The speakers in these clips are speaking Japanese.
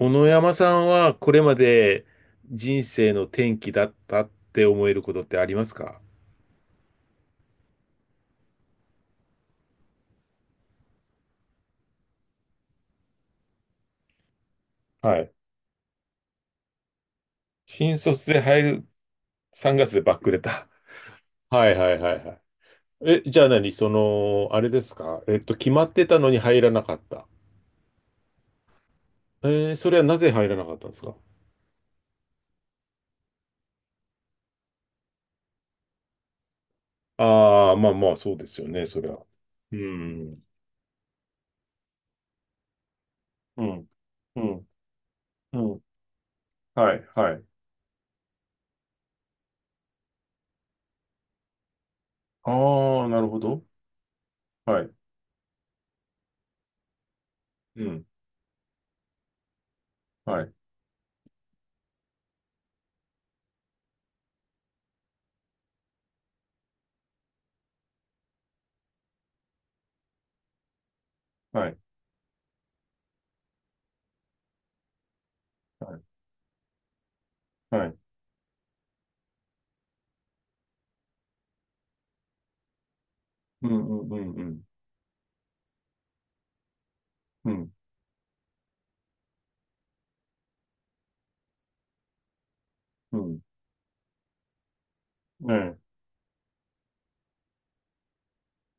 小野山さんはこれまで人生の転機だったって思えることってありますか？はい。新卒で入る、3月でバックレた。はいはいはいはい。え、じゃあ何、その、あれですか、決まってたのに入らなかった。それはなぜ入らなかったんですか？ああー、まあまあ、そうですよね、そりゃ。うん。うん、うん、うん。はい、はい。ああ、なるほど。はい。うん。はい、はい、はい。はい。うん、うん、うん、うん。うんうん。ね。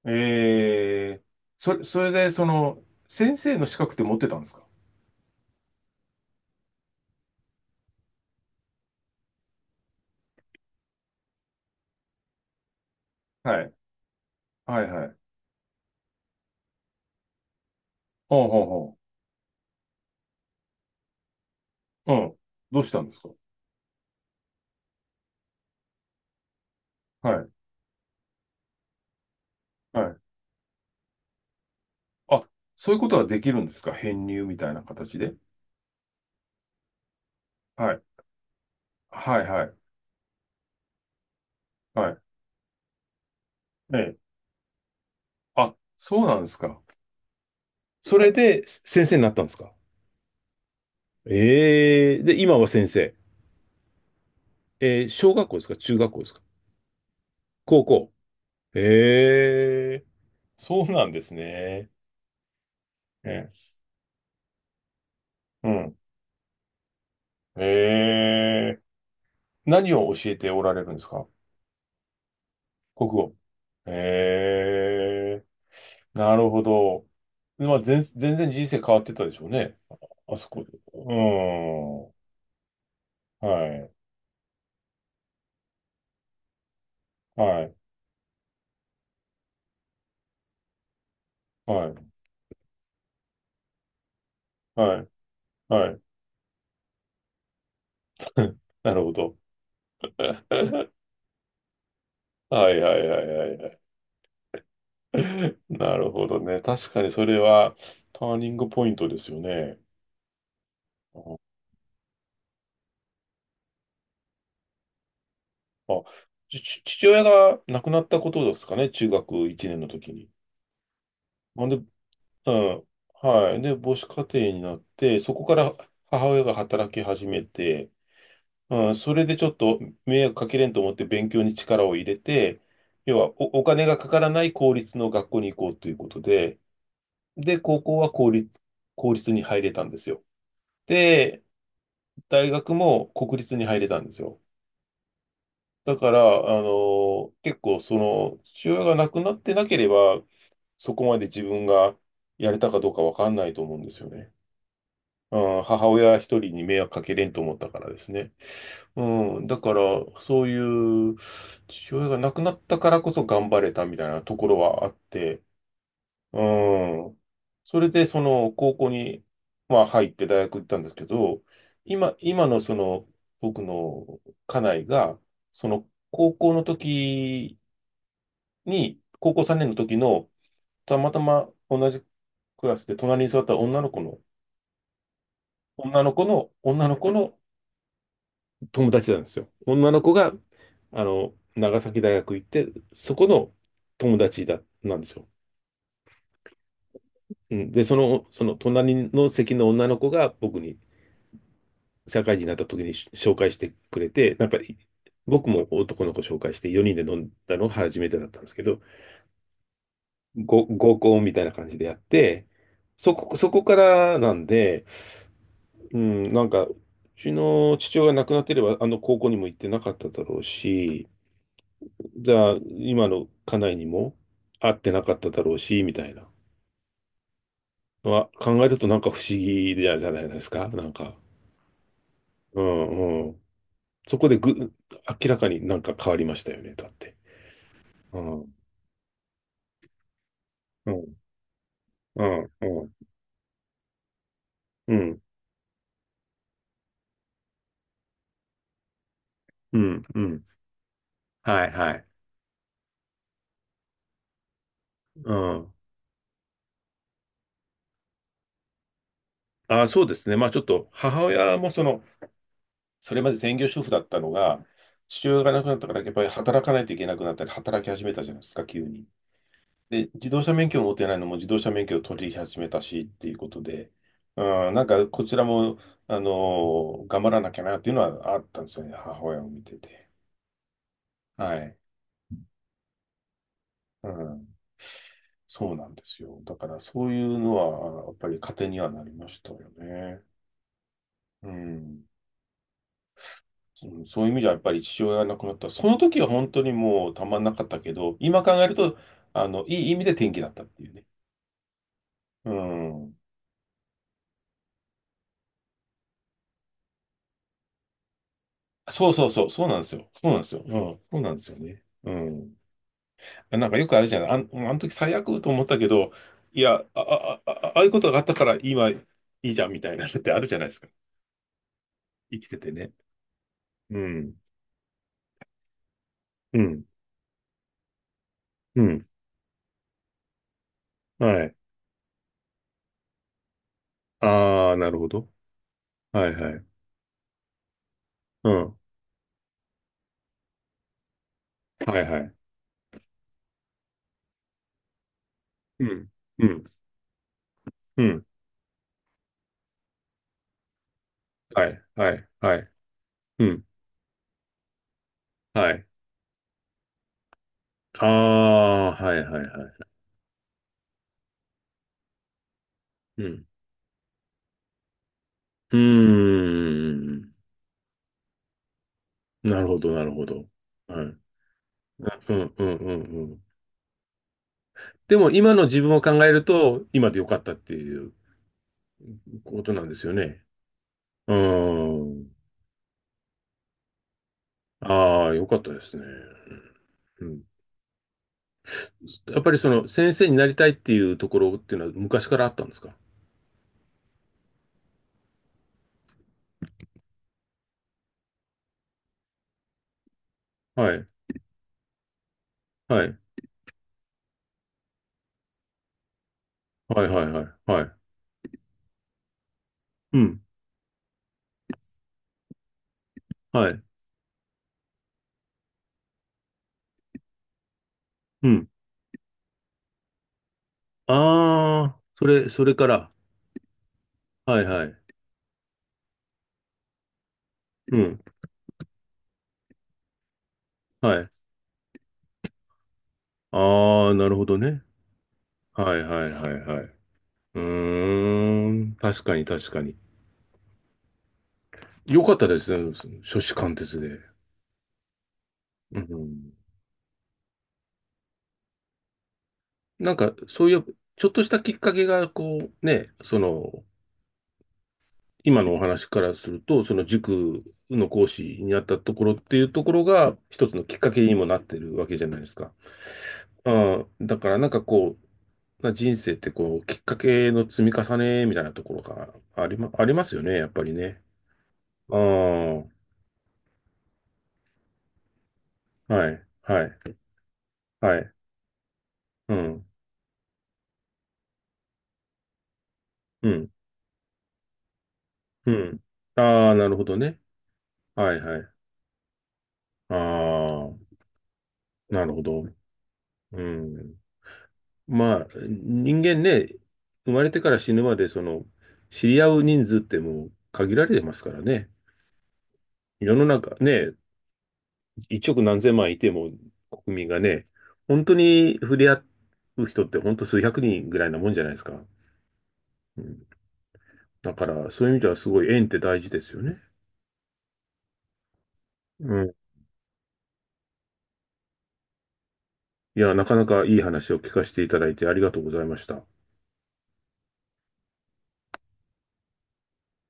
ええー、それで、その、先生の資格って持ってたんですか？はい。はいはい。ほうほうほう。うん。どうしたんですか？はい。はい。あ、そういうことはできるんですか？編入みたいな形で。はい。はいはい。はい。ええ。あ、そうなんですか。それで先生になったんですか？ええ、で、今は先生。小学校ですか、中学校ですか？高校。ええ、そうなんですね。ええ。えええ、何を教えておられるんですか？国語。ええ、なるほど。まあ、全然人生変わってたでしょうね。あそこで。うん。はい。はい。はい。はい。はい。なるほど。はいはいはいはいはい。なるほどね。確かにそれはターニングポイントですよね。うん。あ、父親が亡くなったことですかね。中学1年の時に。なんで、うん。はい。で、母子家庭になって、そこから母親が働き始めて、うん、それでちょっと迷惑かけれんと思って勉強に力を入れて、要はお金がかからない公立の学校に行こうということで、で、高校は公立に入れたんですよ。で、大学も国立に入れたんですよ。だから、あの、結構その、父親が亡くなってなければ、そこまで自分がやれたかどうかわかんないと思うんですよね。あー、母親一人に迷惑かけれんと思ったからですね。うん、だから、そういう、父親が亡くなったからこそ頑張れたみたいなところはあって、うん、それでその高校に、まあ、入って大学行ったんですけど、今のその僕の家内が、その高校の時に、高校3年の時の、たまたま同じクラスで隣に座った女の子の友達なんですよ。女の子が、あの、長崎大学行って、そこの友達だ、なんですよ。うん、で、その隣の席の女の子が僕に社会人になった時に紹介してくれて、なんか、僕も男の子紹介して4人で飲んだのが初めてだったんですけど、合コンみたいな感じでやって、そこからなんで、うん、なんか、うちの父親が亡くなってれば、あの高校にも行ってなかっただろうし、じゃあ、今の家内にも会ってなかっただろうし、みたいなのは考えるとなんか不思議じゃないですか。なんか、うんうん。そこでぐ、明らかになんか変わりましたよね、だって。うん、うん、うん、うん、うん、うん、うん。はい、はい。うん。ああ、そうですね。まあちょっと、母親もその、それまで専業主婦だったのが、父親が亡くなったから、やっぱり働かないといけなくなったり、働き始めたじゃないですか、急に。で、自動車免許を持ってないのも自動車免許を取り始めたしっていうことで、うん、なんかこちらも、あの、頑張らなきゃなっていうのはあったんですよね、母親を見てて。はい。うん、そうなんですよ。だからそういうのは、やっぱり糧にはなりましたよね。うん。うん、そういう意味じゃやっぱり父親が亡くなった。その時は本当にもうたまんなかったけど、今考えると、あの、いい意味で転機だったっていうね。うん。そうそうそう、そうなんですよ。そうなんですよ。うん。そうなんですよね。うん。なんかよくあるじゃない。あの時最悪と思ったけど、いや、ああいうことがあったから今いいじゃんみたいなのってあるじゃないですか。生きててね。うん。うん。うん。はい。ああ、なるほど。はいはい。うん。はいはい。うん。うん。うん。はい。はい。はい。うん。はい。ああ、はいはいはい。うん。うーん。なるほど、なるほど。はい。うん、うん、うん、うん。でも今の自分を考えると、今でよかったっていうことなんですよね。うーん。ああ、よかったですね。うん。やっぱりその先生になりたいっていうところっていうのは昔からあったんですか？はい。はい。はいはいはい。はい。うん。はい。うん。ああ、それから。はいはい。うん。はい。ああ、なるほどね。はいはいはいはい。うーん。確かに確かに。よかったですね。その初志貫徹で。うん。なんか、そういう、ちょっとしたきっかけが、こう、ね、その、今のお話からすると、その塾の講師になったところっていうところが、一つのきっかけにもなってるわけじゃないですか。ああ、だからなんかこう、な人生ってこう、きっかけの積み重ねみたいなところがありますよね、やっぱりね。ああ、はい、はい、はい、うん、うん、うん。ああ、なるほどね。はい、はい。ああ、なるほど。うん。まあ、人間ね、生まれてから死ぬまで、その、知り合う人数ってもう限られてますからね。世の中ね、一億何千万いても国民がね、本当に触れ合う人って本当数百人ぐらいなもんじゃないですか。うん、だから、そういう意味ではすごい縁って大事ですよね。うん。いや、なかなかいい話を聞かせていただいてありがとうございました。